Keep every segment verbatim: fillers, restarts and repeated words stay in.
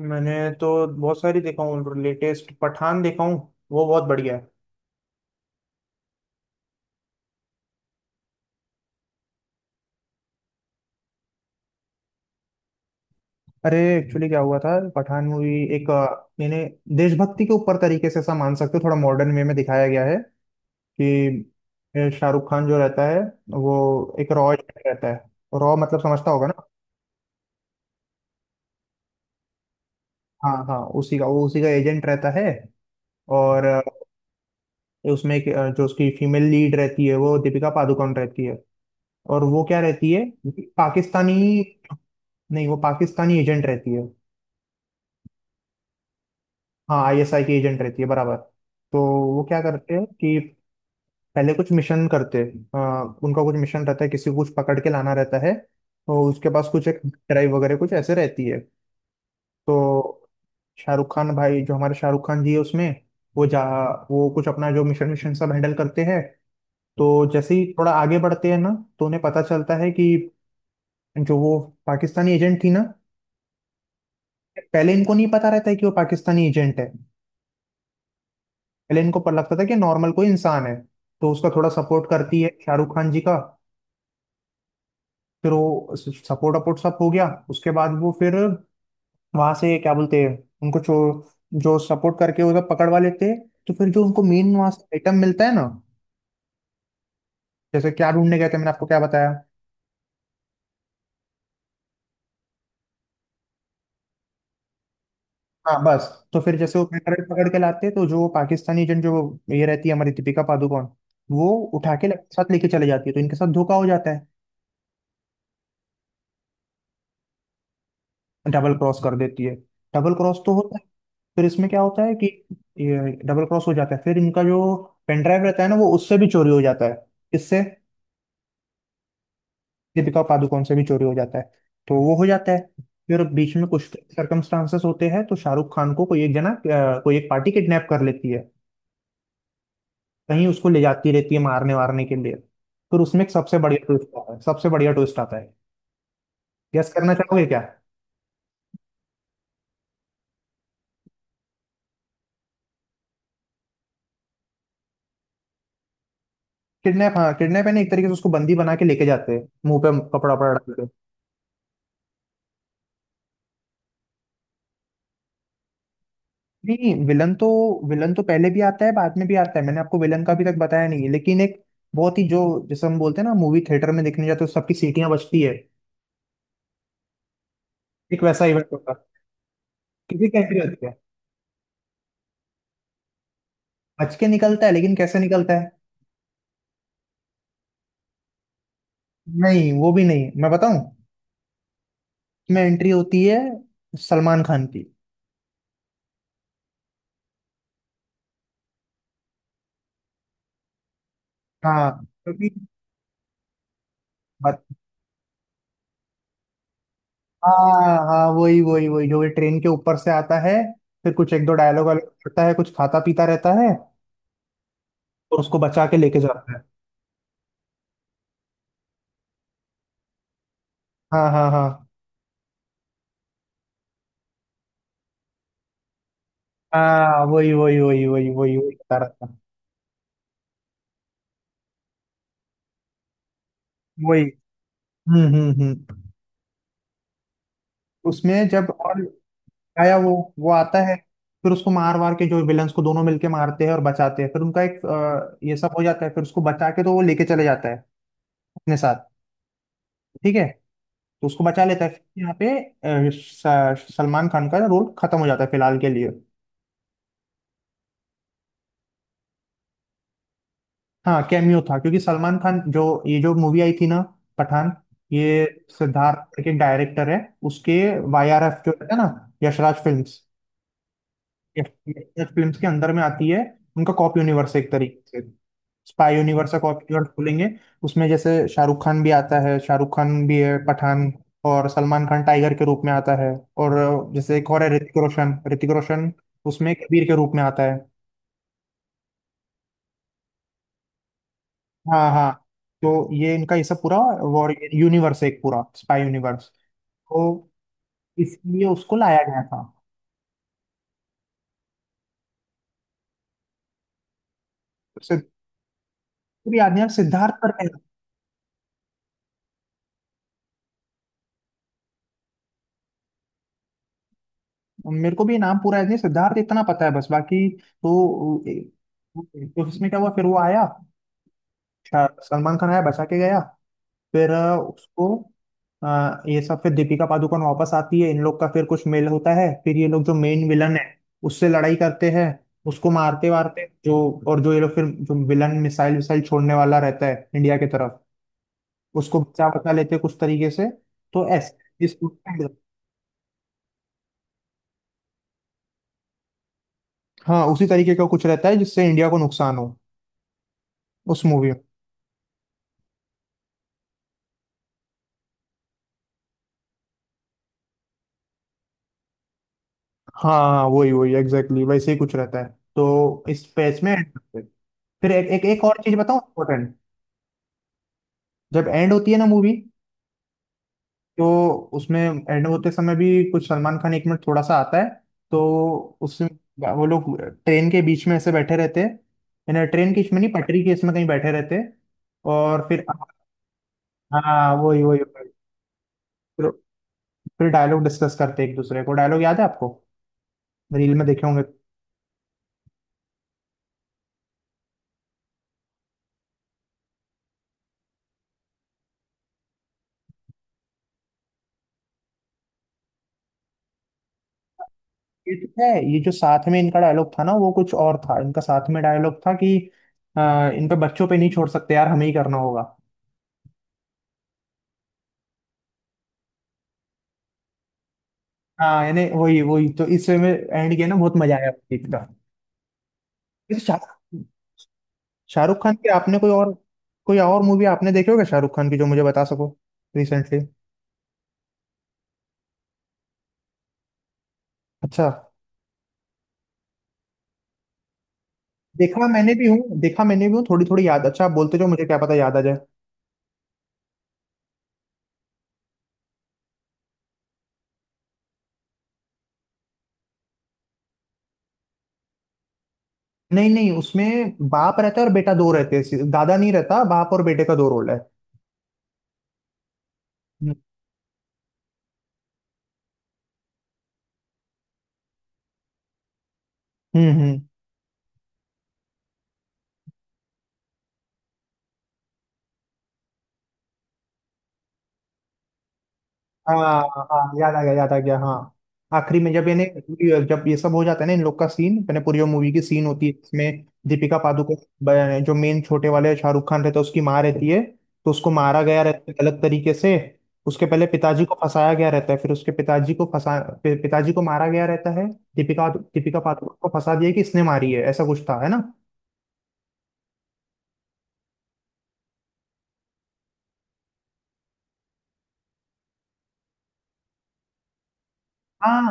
मैंने तो बहुत सारी देखा हूँ। लेटेस्ट पठान देखा हूँ। वो बहुत बढ़िया है। अरे एक्चुअली क्या हुआ था पठान मूवी एक अ, यानी देशभक्ति के ऊपर तरीके से ऐसा मान सकते हो, थोड़ा मॉडर्न वे में दिखाया गया है कि अ, शाहरुख खान जो रहता है वो एक रॉ एजेंट रहता है। रॉ मतलब समझता होगा ना। हाँ हाँ उसी का वो उसी का एजेंट रहता है और अ, उसमें एक, अ, जो उसकी फीमेल लीड रहती है वो दीपिका पादुकोण रहती है। और वो क्या रहती है? पाकिस्तानी। नहीं वो पाकिस्तानी एजेंट रहती है। हाँ आईएसआई की एजेंट रहती है, बराबर। तो वो क्या करते हैं कि पहले कुछ मिशन करते हैं, अ, उनका कुछ मिशन रहता है, किसी को कुछ पकड़ के लाना रहता है। तो उसके पास कुछ एक ड्राइव वगैरह कुछ ऐसे रहती है। तो शाहरुख खान भाई, जो हमारे शाहरुख खान जी है उसमें, वो जा वो कुछ अपना जो मिशन मिशन सब हैंडल करते हैं। तो जैसे ही थोड़ा आगे बढ़ते हैं ना, तो उन्हें पता चलता है कि जो वो पाकिस्तानी एजेंट थी ना, पहले इनको नहीं पता रहता है कि वो पाकिस्तानी एजेंट है। पहले इनको पर लगता था कि नॉर्मल कोई इंसान है, तो उसका थोड़ा सपोर्ट करती है शाहरुख खान जी का। फिर वो सपोर्ट अपोर्ट सब हो गया उसके बाद वो फिर वहां से क्या बोलते हैं, उनको जो जो सपोर्ट करके वो सब पकड़ वाले थे, तो फिर जो उनको मेन वहां से आइटम मिलता है ना। जैसे क्या ढूंढने गए थे मैंने आपको क्या बताया? हाँ बस। तो फिर जैसे वो पेट्रोल पकड़ के लाते तो जो पाकिस्तानी एजेंट जो ये रहती है हमारी दीपिका पादुकोण, वो उठा के साथ लेके चले जाती है, तो इनके साथ धोखा हो जाता है। डबल क्रॉस कर देती है। डबल क्रॉस तो होता है। फिर इसमें क्या होता है कि ये डबल क्रॉस हो जाता है, फिर इनका जो पेन ड्राइव रहता है ना वो उससे भी चोरी हो जाता है, इससे, दीपिका पादुकोण से भी चोरी हो जाता है। तो वो हो जाता है। फिर बीच में कुछ सर्कमस्टांसेस होते हैं, तो शाहरुख खान को कोई एक जना, अ, कोई एक पार्टी किडनैप कर लेती है। कहीं उसको ले जाती रहती है मारने वारने के लिए। फिर उसमें एक सबसे बढ़िया ट्विस्ट आता है, सबसे बढ़िया ट्विस्ट आता है। गेस करना चाहोगे क्या? किडनैप, हाँ किडनैप है ना, एक तरीके से उसको बंदी बना के लेके जाते हैं, मुंह पे कपड़ा वपड़ा डाल के। नहीं विलन तो, विलन तो पहले भी आता है बाद में भी आता है, मैंने आपको विलन का अभी तक बताया नहीं है, लेकिन एक बहुत ही जो, जैसे हम बोलते हैं ना मूवी थिएटर में देखने जाते हैं तो सबकी सीटियां बजती है, एक वैसा इवेंट होता है, किसी की एंट्री होती है। बच के निकलता है लेकिन कैसे निकलता है? नहीं वो भी नहीं, मैं बताऊं, इसमें एंट्री होती है सलमान खान की। हाँ, क्योंकि बत- हाँ हाँ वही वही वही जो ट्रेन के ऊपर से आता है, फिर कुछ एक दो डायलॉग वायलॉग करता है, कुछ खाता पीता रहता है और उसको बचा के लेके जाता है। हाँ हाँ हाँ हाँ वही वही वही वही वही वही बता रहा था। वही। हम्म हम्म हम्म। उसमें जब और आया वो वो आता है, फिर उसको मार वार के जो विलन्स को दोनों मिलके मारते हैं और बचाते हैं, फिर उनका एक अ, ये सब हो जाता है, फिर उसको बचा के तो वो लेके चले जाता है अपने साथ। ठीक है। तो उसको बचा लेता है, फिर यहाँ पे अ, स- सलमान खान का रोल खत्म हो जाता है फिलहाल के लिए। हाँ कैमियो था, क्योंकि सलमान खान जो, ये जो मूवी आई थी ना पठान, ये सिद्धार्थ के डायरेक्टर है, उसके वाईआरएफ जो है ना, यशराज फिल्म्स, यशराज फिल्म्स के अंदर में आती है। उनका कॉप यूनिवर्स है एक तरीके से, स्पाई यूनिवर्स का, कॉप यूनिवर्स बोलेंगे। उसमें जैसे शाहरुख खान भी आता है, शाहरुख खान भी है पठान, और सलमान खान टाइगर के रूप में आता है, और जैसे एक और है ऋतिक रोशन, ऋतिक रोशन उसमें कबीर के रूप में आता है। हाँ हाँ तो ये इनका ये सब पूरा वॉर यूनिवर्स है, एक पूरा स्पाई यूनिवर्स। तो इसलिए उसको लाया गया था। सिद्ध- भी याद नहीं यार, सिद्धार्थ पर। मेरे को भी नाम पूरा याद नहीं, सिद्धार्थ इतना पता है बस, बाकी तो। तो इसमें क्या हुआ फिर, वो आया, अच्छा, सलमान खान आया बचा के गया, फिर अ, उसको अ, ये सब, फिर दीपिका पादुकोण वापस आती है, इन लोग का फिर कुछ मेल होता है, फिर ये लोग जो मेन विलन है उससे लड़ाई करते हैं, उसको मारते वारते जो, और जो ये लोग फिर जो विलन मिसाइल विसाइल छोड़ने वाला रहता है इंडिया की तरफ, उसको बचा बचा लेते हैं कुछ तरीके से। तो ऐसे इस, हाँ उसी तरीके का कुछ रहता है जिससे इंडिया को नुकसान हो उस मूवी में। हाँ हाँ वही वही एग्जैक्टली exactly, वैसे ही कुछ रहता है। तो इस पेज में end करते हैं। फिर एक एक, एक और चीज बताऊं इम्पोर्टेंट। जब एंड होती है ना मूवी, तो उसमें एंड होते समय भी कुछ सलमान खान एक मिनट थोड़ा सा आता है। तो उसमें वो लोग ट्रेन के बीच में ऐसे बैठे रहते हैं, यानी ट्रेन के बीच में नहीं, पटरी के इसमें कहीं बैठे रहते हैं, और फिर, हाँ वही वही वही। फिर फिर डायलॉग डिस्कस करते हैं एक दूसरे को। डायलॉग याद है आपको? रील में देखे होंगे। ये तो है, ये जो साथ में इनका डायलॉग था ना वो कुछ और था, इनका साथ में डायलॉग था कि आ, इन पे बच्चों पे नहीं छोड़ सकते यार, हमें ही करना होगा। हाँ यानी वही वही, तो इस वे में एंड किया ना, बहुत मजा आया एकदम। वैसे शा- शाहरुख खान की आपने कोई और, कोई और मूवी आपने देखी होगा शाहरुख खान की जो मुझे बता सको रिसेंटली। अच्छा, देखा मैंने भी हूँ, देखा मैंने भी हूँ थोड़ी थोड़ी याद, अच्छा आप बोलते जो मुझे क्या पता याद आ जाए। नहीं नहीं, उसमें बाप रहता है और बेटा दो रहते हैं, दादा नहीं रहता, बाप और बेटे का दो रोल है। हम्म हम्म। हाँ हाँ याद आ गया याद आ गया, हाँ। आखिरी में जब इन्हें, जब ये सब हो जाता है ना, इन लोग का सीन, मैंने पूरी वो मूवी की सीन होती है इसमें, दीपिका पादुकोण ब- जो मेन छोटे वाले शाहरुख खान रहता है उसकी माँ रहती है, तो उसको मारा गया रहता है गलत तरीके से। उसके पहले पिताजी को फंसाया गया रहता है, फिर उसके पिताजी को फंसा, पि- पिताजी को मारा गया रहता है। दीपिका दीपिका पादुकोण को फंसा दिया कि इसने मारी है, ऐसा कुछ था है ना। हाँ,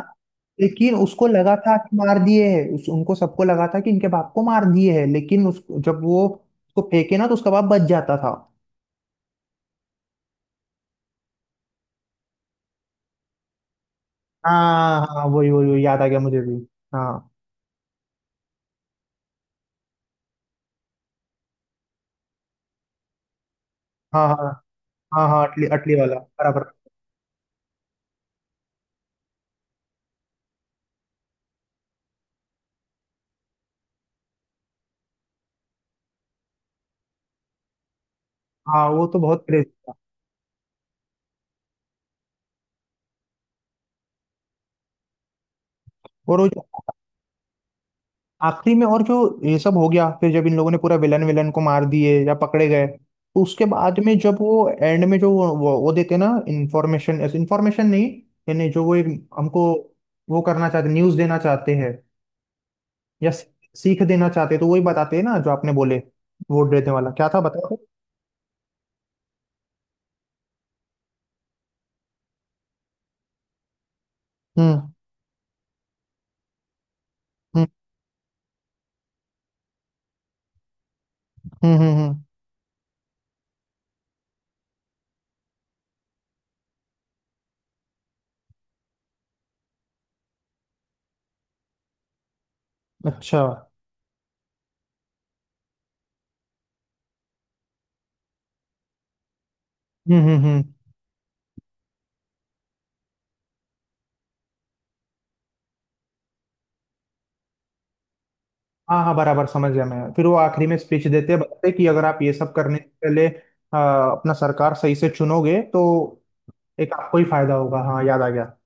लेकिन उसको लगा था कि मार दिए है, उस उनको सबको लगा था कि इनके बाप को मार दिए है, लेकिन उस जब वो उसको फेंके ना तो उसका बाप बच जाता था। हाँ हाँ वही वही वही, याद आ गया मुझे भी। हाँ हाँ हाँ हाँ हाँ, अटली, अटली वाला बराबर। हाँ वो तो बहुत क्रेज था। और वो जो आखिरी में, और जो ये सब हो गया, फिर जब इन लोगों ने पूरा विलन विलन को मार दिए या पकड़े गए, तो उसके बाद में जब वो एंड में जो, वो वो, वो देते ना इंफॉर्मेशन, इंफॉर्मेशन नहीं, यानी जो वो एक हमको वो करना चाहते, न्यूज़ देना चाहते हैं, या सी- सीख देना चाहते हैं, तो वही बताते हैं ना जो आपने बोले, वोट देने वाला क्या था बताओ तो? हम्म हम्म हम्म हम्म हम्म, अच्छा। हम्म हम्म हम्म। हाँ हाँ बराबर समझ गया मैं, फिर वो आखिरी में स्पीच देते हैं, बताते हैं कि अगर आप ये सब करने से पहले आ, अपना सरकार सही से चुनोगे तो एक आपको ही फायदा होगा, हाँ याद आ गया।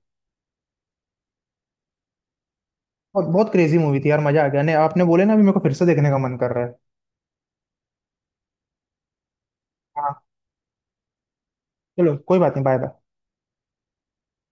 और बहुत क्रेजी मूवी थी यार, मजा आ गया ने, आपने बोले ना अभी मेरे को फिर से देखने का मन कर रहा है। हाँ चलो, कोई बात नहीं, बाय बाय।